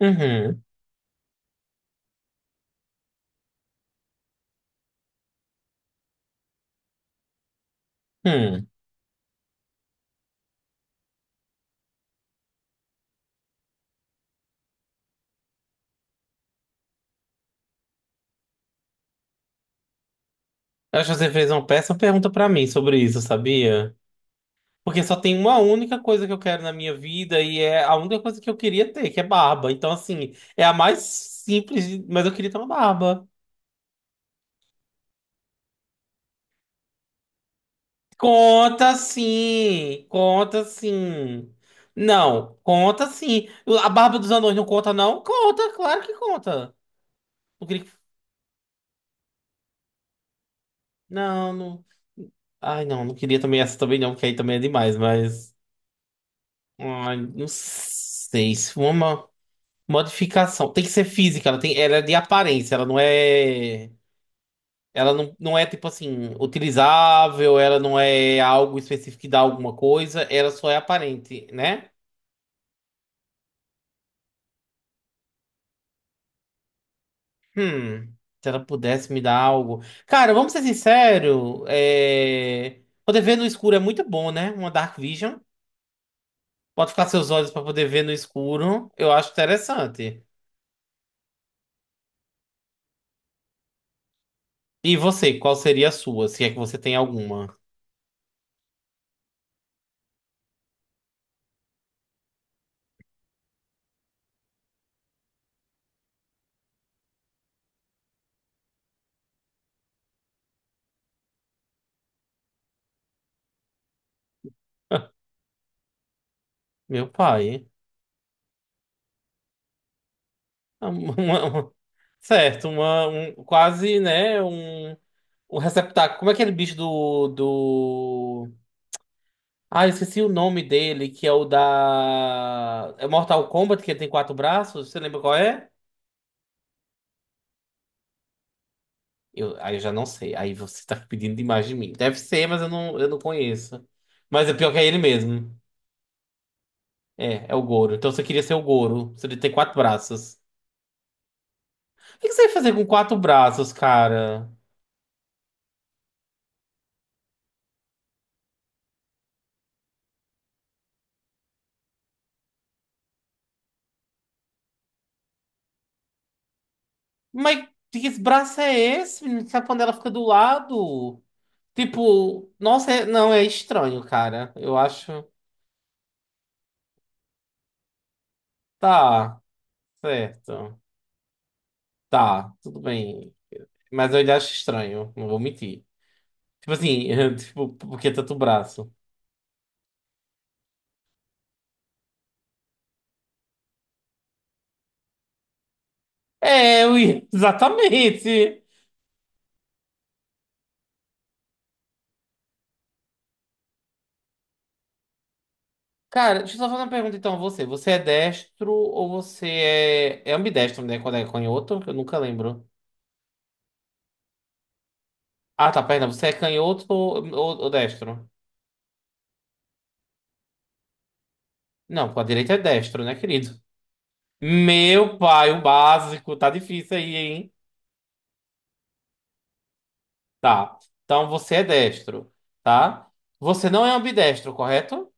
Uhum. Hum. Eu acho que você fez uma péssima pergunta pra mim sobre isso, sabia? Porque só tem uma única coisa que eu quero na minha vida e é a única coisa que eu queria ter, que é barba. Então, assim, é a mais simples, mas eu queria ter uma barba. Conta sim, conta sim. Não, conta sim. A barba dos anões não conta, não? Conta, claro que conta. Não queria... Não. Ai, não, não queria também essa também não, que aí também é demais, mas. Ai, não sei se uma. Modificação. Tem que ser física, ela tem, ela é de aparência, ela não é. Ela não é tipo assim, utilizável, ela não é algo específico que dá alguma coisa, ela só é aparente, né? Hum, se ela pudesse me dar algo. Cara, vamos ser sinceros, poder ver no escuro é muito bom, né? Uma Dark Vision. Pode ficar seus olhos para poder ver no escuro, eu acho interessante. E você, qual seria a sua, se é que você tem alguma? Meu pai. Uma- uma- certo, uma, um, quase, né, um receptáculo. Como é aquele bicho do... Ah, eu esqueci o nome dele, que é o da... É Mortal Kombat, que ele tem quatro braços? Você lembra qual é? Aí eu já não sei. Aí você tá pedindo demais de mim. Deve ser, mas eu não conheço. Mas é pior que é ele mesmo. É, é o Goro. Então você queria ser o Goro. Você tem quatro braços. O que que você ia fazer com quatro braços, cara? Mas que braço é esse, menino? Sabe quando ela fica do lado? Tipo, nossa, não, é estranho, cara. Eu acho. Tá, certo. Tá, tudo bem. Mas eu ainda acho estranho, não vou mentir. Tipo assim, tipo, por que tanto braço? Exatamente. Cara, deixa eu só fazer uma pergunta então a você. Você é destro ou você é. É ambidestro, né? Quando é canhoto? Eu nunca lembro. Ah, tá, perna. Você é canhoto ou destro? Não, com a direita é destro, né, querido? Meu pai, o básico, tá difícil aí, hein? Tá. Então você é destro, tá? Você não é ambidestro, correto?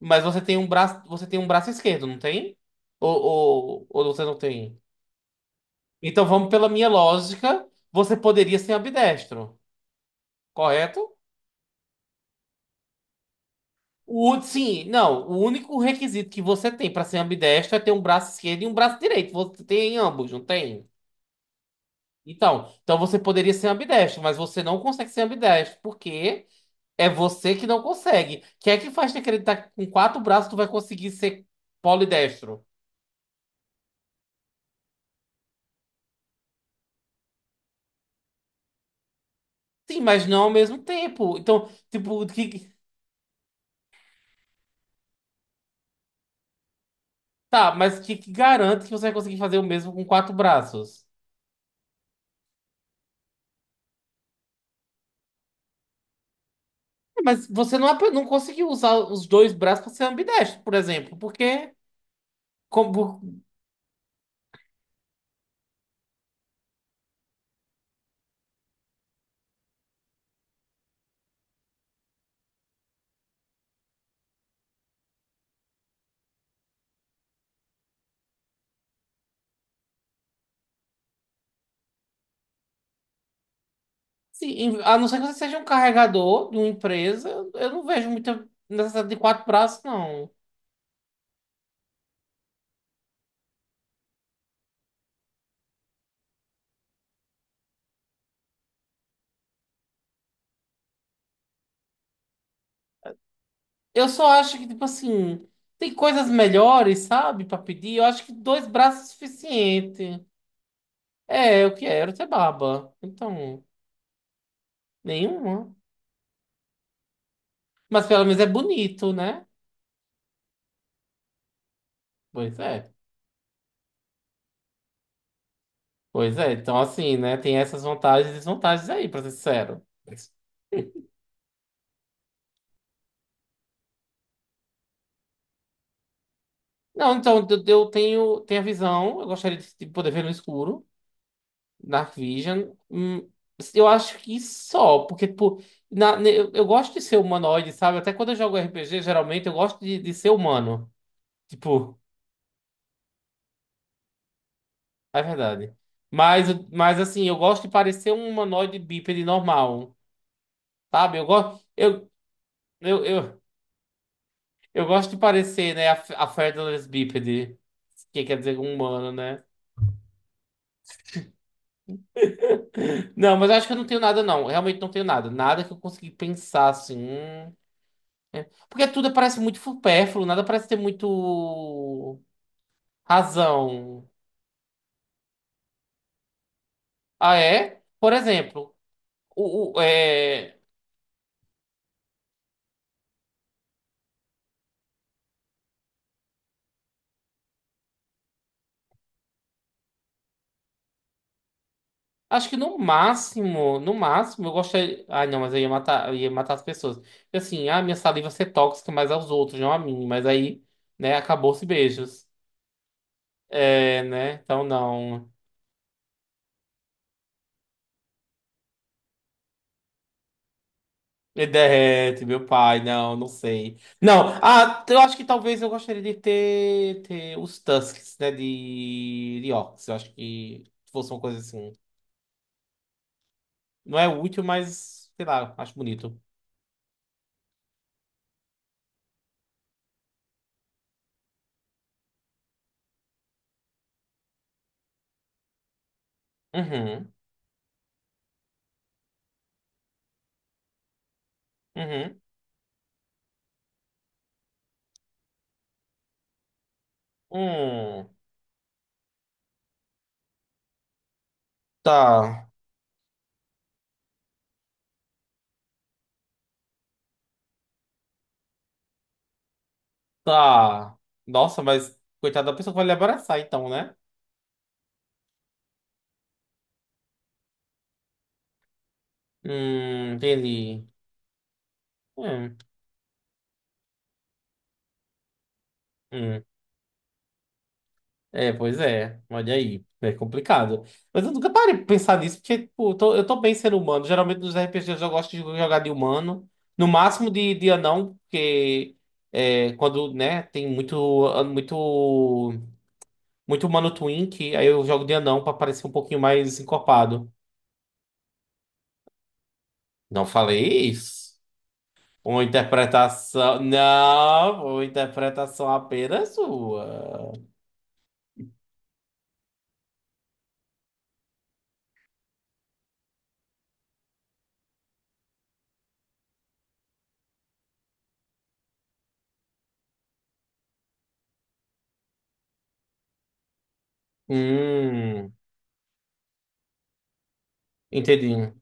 Mas você tem um braço esquerdo, não tem? Ou você não tem? Então vamos pela minha lógica, você poderia ser ambidestro, correto? O, sim, não, o único requisito que você tem para ser ambidestro é ter um braço esquerdo e um braço direito. Você tem ambos, não tem? Então, então você poderia ser ambidestro, mas você não consegue ser ambidestro, porque é você que não consegue. Quem é que faz te acreditar que com quatro braços tu vai conseguir ser polidestro? Sim, mas não ao mesmo tempo. Então, tá, mas que garante que você vai conseguir fazer o mesmo com quatro braços? É, mas você não, não conseguiu usar os dois braços para ser ambidestro, por exemplo, como, sim, a não ser que você seja um carregador de uma empresa, eu não vejo muita necessidade de quatro braços, não. Eu só acho que, tipo assim, tem coisas melhores, sabe, pra pedir. Eu acho que dois braços é suficiente. É, eu quero ter baba. Então, nenhuma. Mas pelo menos é bonito, né? Pois é. Pois é. Então, assim, né, tem essas vantagens e desvantagens aí, pra ser sincero. Não, então, eu tenho, tenho a visão. Eu gostaria de poder ver no escuro. Dark Vision. Hum, eu acho que só, porque, tipo, eu gosto de ser humanoide, sabe? Até quando eu jogo RPG, geralmente eu gosto de ser humano. Tipo, é verdade. Mas assim, eu gosto de parecer um humanoide bípede normal, sabe? Eu, eu, eu gosto de parecer, né, a featherless bípede, que quer dizer um humano, né? Não, mas eu acho que eu não tenho nada, não. Realmente não tenho nada. Nada que eu consegui pensar, assim. Hum, porque tudo parece muito supérfluo, nada parece ter muito razão. Ah, é? Por exemplo, o, o- é, acho que no máximo, no máximo, eu gostaria. Ai, não, mas eu ia matar as pessoas. Porque assim, ah, minha saliva ia ser tóxica mais aos outros, não a mim. Mas aí, né, acabou-se beijos. É, né? Então não. Me derrete, meu pai. Não, não sei. Não, ah, eu acho que talvez eu gostaria de ter os Tusks, né? De Orcs. Eu acho que fosse uma coisa assim. Não é útil, mas sei lá, acho bonito. Uhum, uhum. Hum, tá, tá. Nossa, mas coitada da pessoa que vai lhe abraçar, então, né? Entendi. Hum, hum. É, pois é. Olha aí. É complicado. Mas eu nunca parei pra pensar nisso, porque tipo, eu tô bem ser humano. Geralmente nos RPGs eu gosto de jogar de humano. No máximo de anão, porque é, quando, né, tem muito, muito humano twink, aí eu jogo de anão pra parecer um pouquinho mais encorpado. Não falei isso. Uma interpretação. Não, uma interpretação apenas sua. Hum, entendi.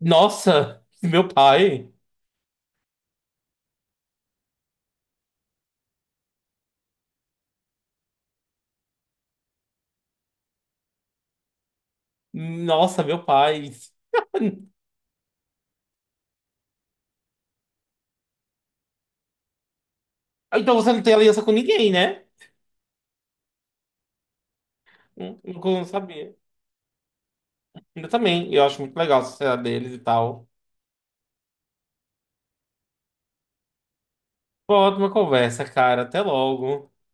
Nossa, meu pai. Nossa, meu pai. Ah, então você não tem aliança com ninguém, né? Nunca eu não sabia. Eu também. Eu acho muito legal a sociedade deles e tal. Foi uma ótima conversa, cara. Até logo.